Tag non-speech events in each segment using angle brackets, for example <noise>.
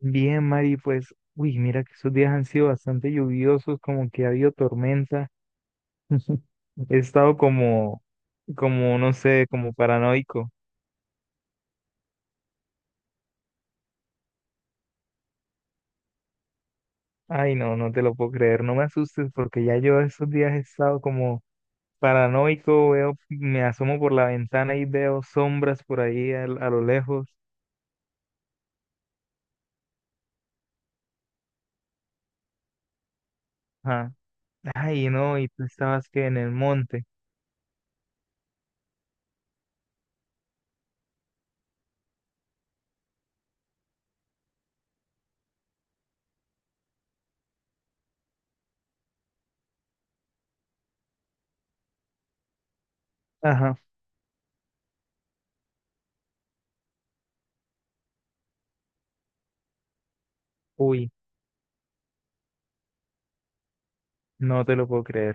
Bien, Mari, pues, uy, mira que estos días han sido bastante lluviosos, como que ha habido tormenta. <laughs> He estado como, no sé, como paranoico. Ay, no, no te lo puedo creer. No me asustes porque ya yo estos días he estado como paranoico. Veo, me asomo por la ventana y veo sombras por ahí a lo lejos. Ajá. Ay, no, y tú estabas que en el monte. Ajá. Uy, no te lo puedo creer.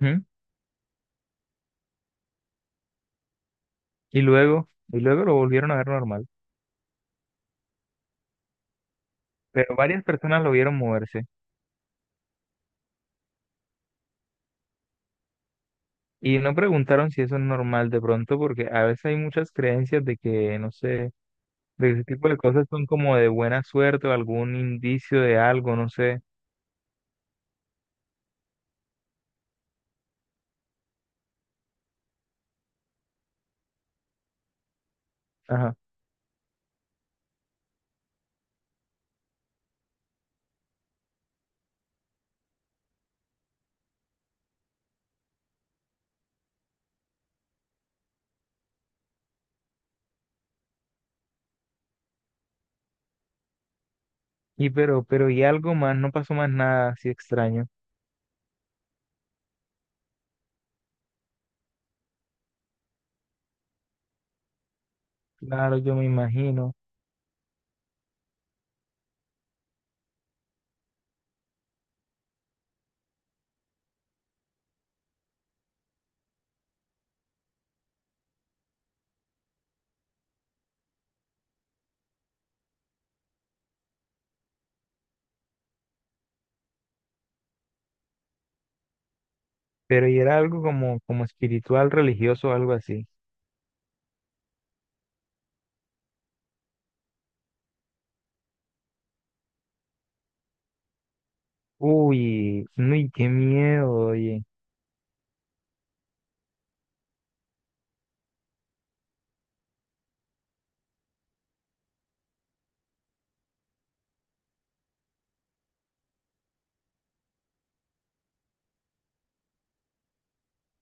Ujú. Y luego, lo volvieron a ver normal. Pero varias personas lo vieron moverse y no preguntaron si eso es normal de pronto, porque a veces hay muchas creencias de que, no sé, de que ese tipo de cosas son como de buena suerte o algún indicio de algo, no sé. Ajá. Y pero y algo más, no pasó más nada así extraño. Claro, yo me imagino. Pero y era algo como espiritual, religioso, algo así. Uy, uy, qué miedo, oye.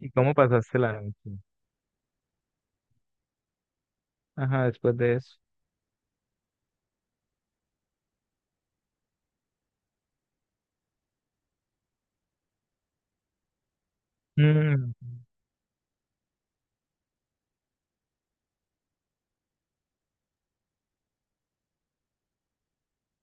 ¿Y cómo pasaste la noche? Ajá, después de eso. Mm,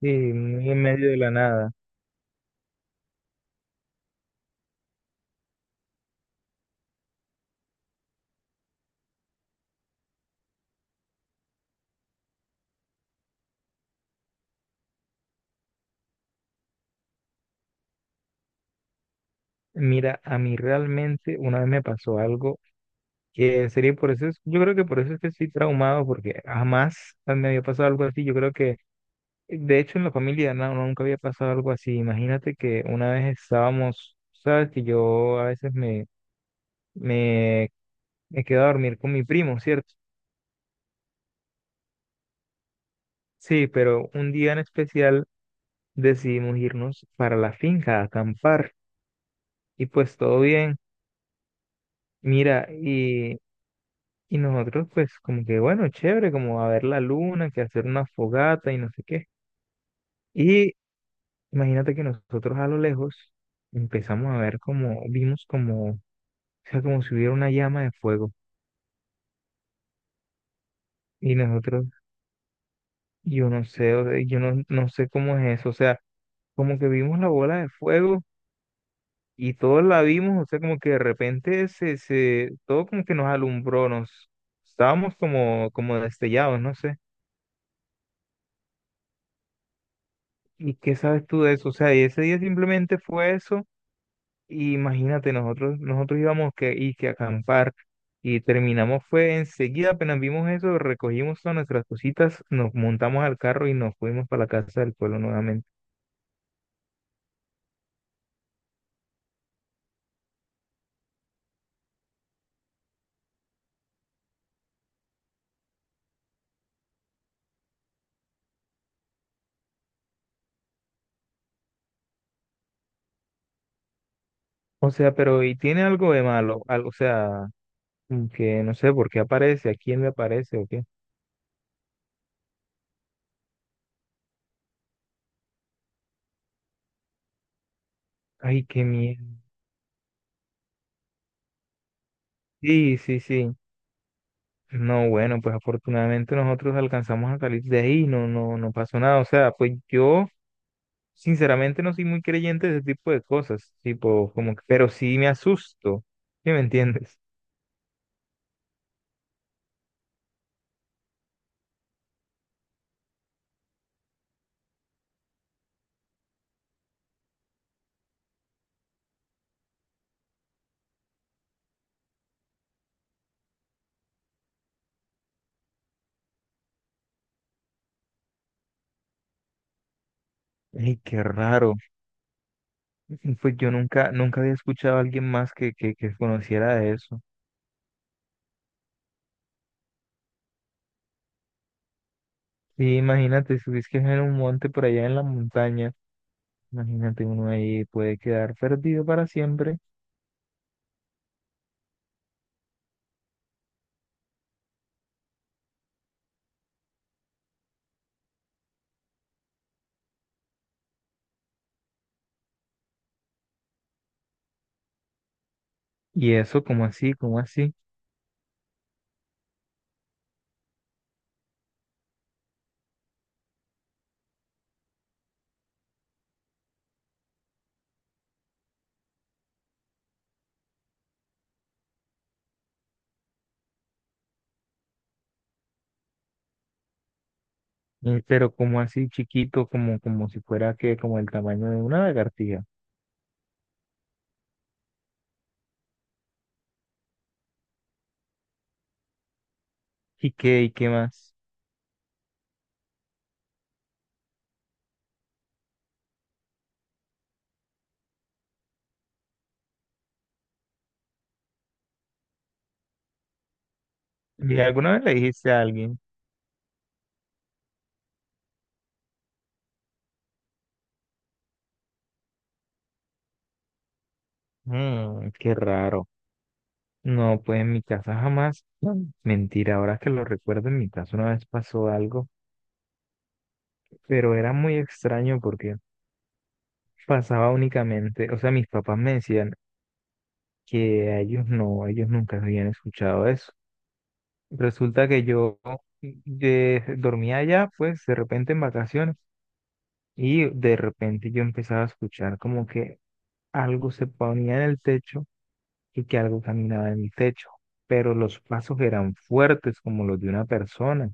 sí, muy en medio de la nada. Mira, a mí realmente una vez me pasó algo que en serio por eso es, yo creo que por eso es que estoy traumado, porque jamás me había pasado algo así. Yo creo que, de hecho, en la familia no, no, nunca había pasado algo así. Imagínate que una vez estábamos, sabes que yo a veces me, me quedo a dormir con mi primo, ¿cierto? Sí, pero un día en especial decidimos irnos para la finca a acampar y pues todo bien. Mira, y nosotros, pues, como que, bueno, chévere, como a ver la luna, que hacer una fogata y no sé qué. Y imagínate que nosotros a lo lejos empezamos a ver como, vimos como, o sea, como si hubiera una llama de fuego. Y nosotros, yo no sé, o sea, yo no sé cómo es eso. O sea, como que vimos la bola de fuego y todos la vimos, o sea, como que de repente todo como que nos alumbró, estábamos como destellados, no sé. ¿Y qué sabes tú de eso? O sea, y ese día simplemente fue eso. Y imagínate, nosotros íbamos que, y que a acampar y terminamos fue enseguida, apenas vimos eso, recogimos todas nuestras cositas, nos montamos al carro y nos fuimos para la casa del pueblo nuevamente. O sea, pero ¿y tiene algo de malo? Algo, o sea, como que no sé por qué aparece, a quién le aparece o qué. Ay, qué miedo. Sí, sí, sí. No, bueno, pues afortunadamente nosotros alcanzamos a salir de ahí, no, no, no pasó nada. O sea, pues yo sinceramente no soy muy creyente de ese tipo de cosas, tipo, como que, pero sí me asusto, ¿sí me entiendes? <laughs> Ay, qué raro. Pues yo nunca, nunca había escuchado a alguien más que conociera de eso. Sí, imagínate, si es que es en un monte por allá en la montaña, imagínate uno ahí puede quedar perdido para siempre. Y eso, como así, como así. Pero como así chiquito, como si fuera que, como el tamaño de una lagartija. ¿Y qué más? ¿Y alguna vez le dijiste a alguien? Mm, qué raro. No, pues en mi casa jamás. Mm. Mentira, ahora que lo recuerdo, en mi casa una vez pasó algo, pero era muy extraño porque pasaba únicamente, o sea, mis papás me decían que a ellos no, ellos nunca habían escuchado eso. Resulta que yo dormía allá, pues de repente en vacaciones, y de repente yo empezaba a escuchar como que algo se ponía en el techo y que algo caminaba en mi techo, pero los pasos eran fuertes como los de una persona.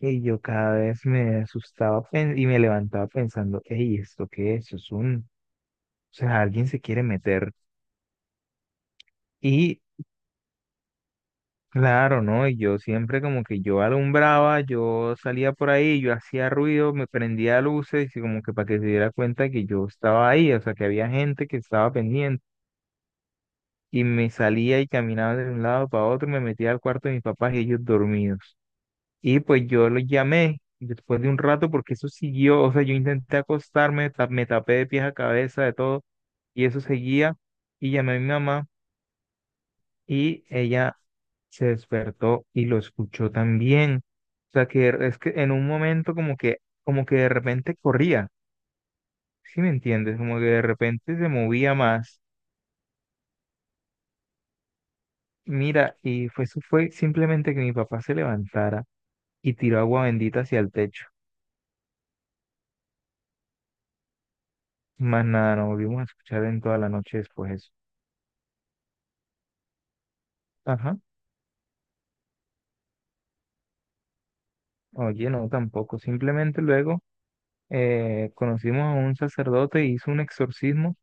Y yo cada vez me asustaba y me levantaba pensando, hey, ¿esto qué es? O sea, alguien se quiere meter. Y claro, ¿no? Y yo siempre como que yo alumbraba, yo salía por ahí, yo hacía ruido, me prendía luces y como que para que se diera cuenta que yo estaba ahí, o sea, que había gente que estaba pendiente. Y me salía y caminaba de un lado para otro, me metía al cuarto de mis papás y ellos dormidos. Y pues yo lo llamé después de un rato porque eso siguió, o sea, yo intenté acostarme, me tapé de pies a cabeza, de todo, y eso seguía. Y llamé a mi mamá y ella se despertó y lo escuchó también. O sea, que es que en un momento como que, de repente corría, ¿sí me entiendes? Como que de repente se movía más. Mira, eso fue simplemente que mi papá se levantara y tiró agua bendita hacia el techo. Más nada, no volvimos a escuchar en toda la noche después eso. Ajá. Oye, no, tampoco. Simplemente luego conocimos a un sacerdote, hizo un exorcismo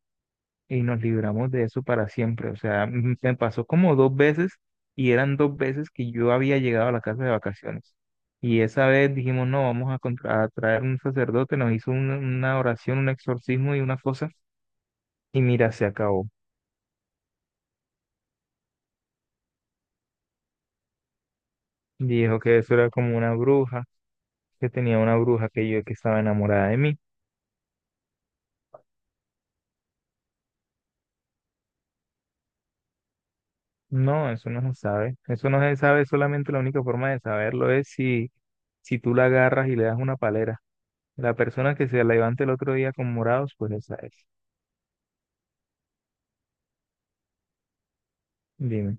y nos libramos de eso para siempre. O sea, me pasó como dos veces y eran dos veces que yo había llegado a la casa de vacaciones. Y esa vez dijimos, no, vamos a traer un sacerdote, nos hizo una oración, un exorcismo y una cosa. Y mira, se acabó. Dijo que eso era como una bruja, que tenía una bruja que yo que estaba enamorada de mí. No, eso no se sabe. Eso no se sabe, solamente la única forma de saberlo es si, tú la agarras y le das una palera. La persona que se levante el otro día con morados, pues esa es. Dime.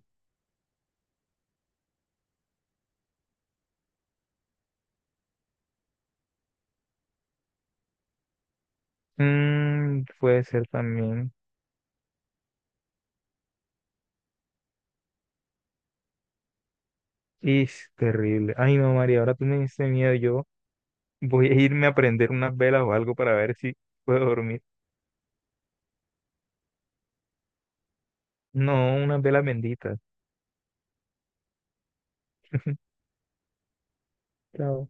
Mm, puede ser también. Es terrible. Ay, no, María, ahora tú me diste miedo. Yo voy a irme a prender unas velas o algo para ver si puedo dormir. No, unas velas benditas. <laughs> Chao.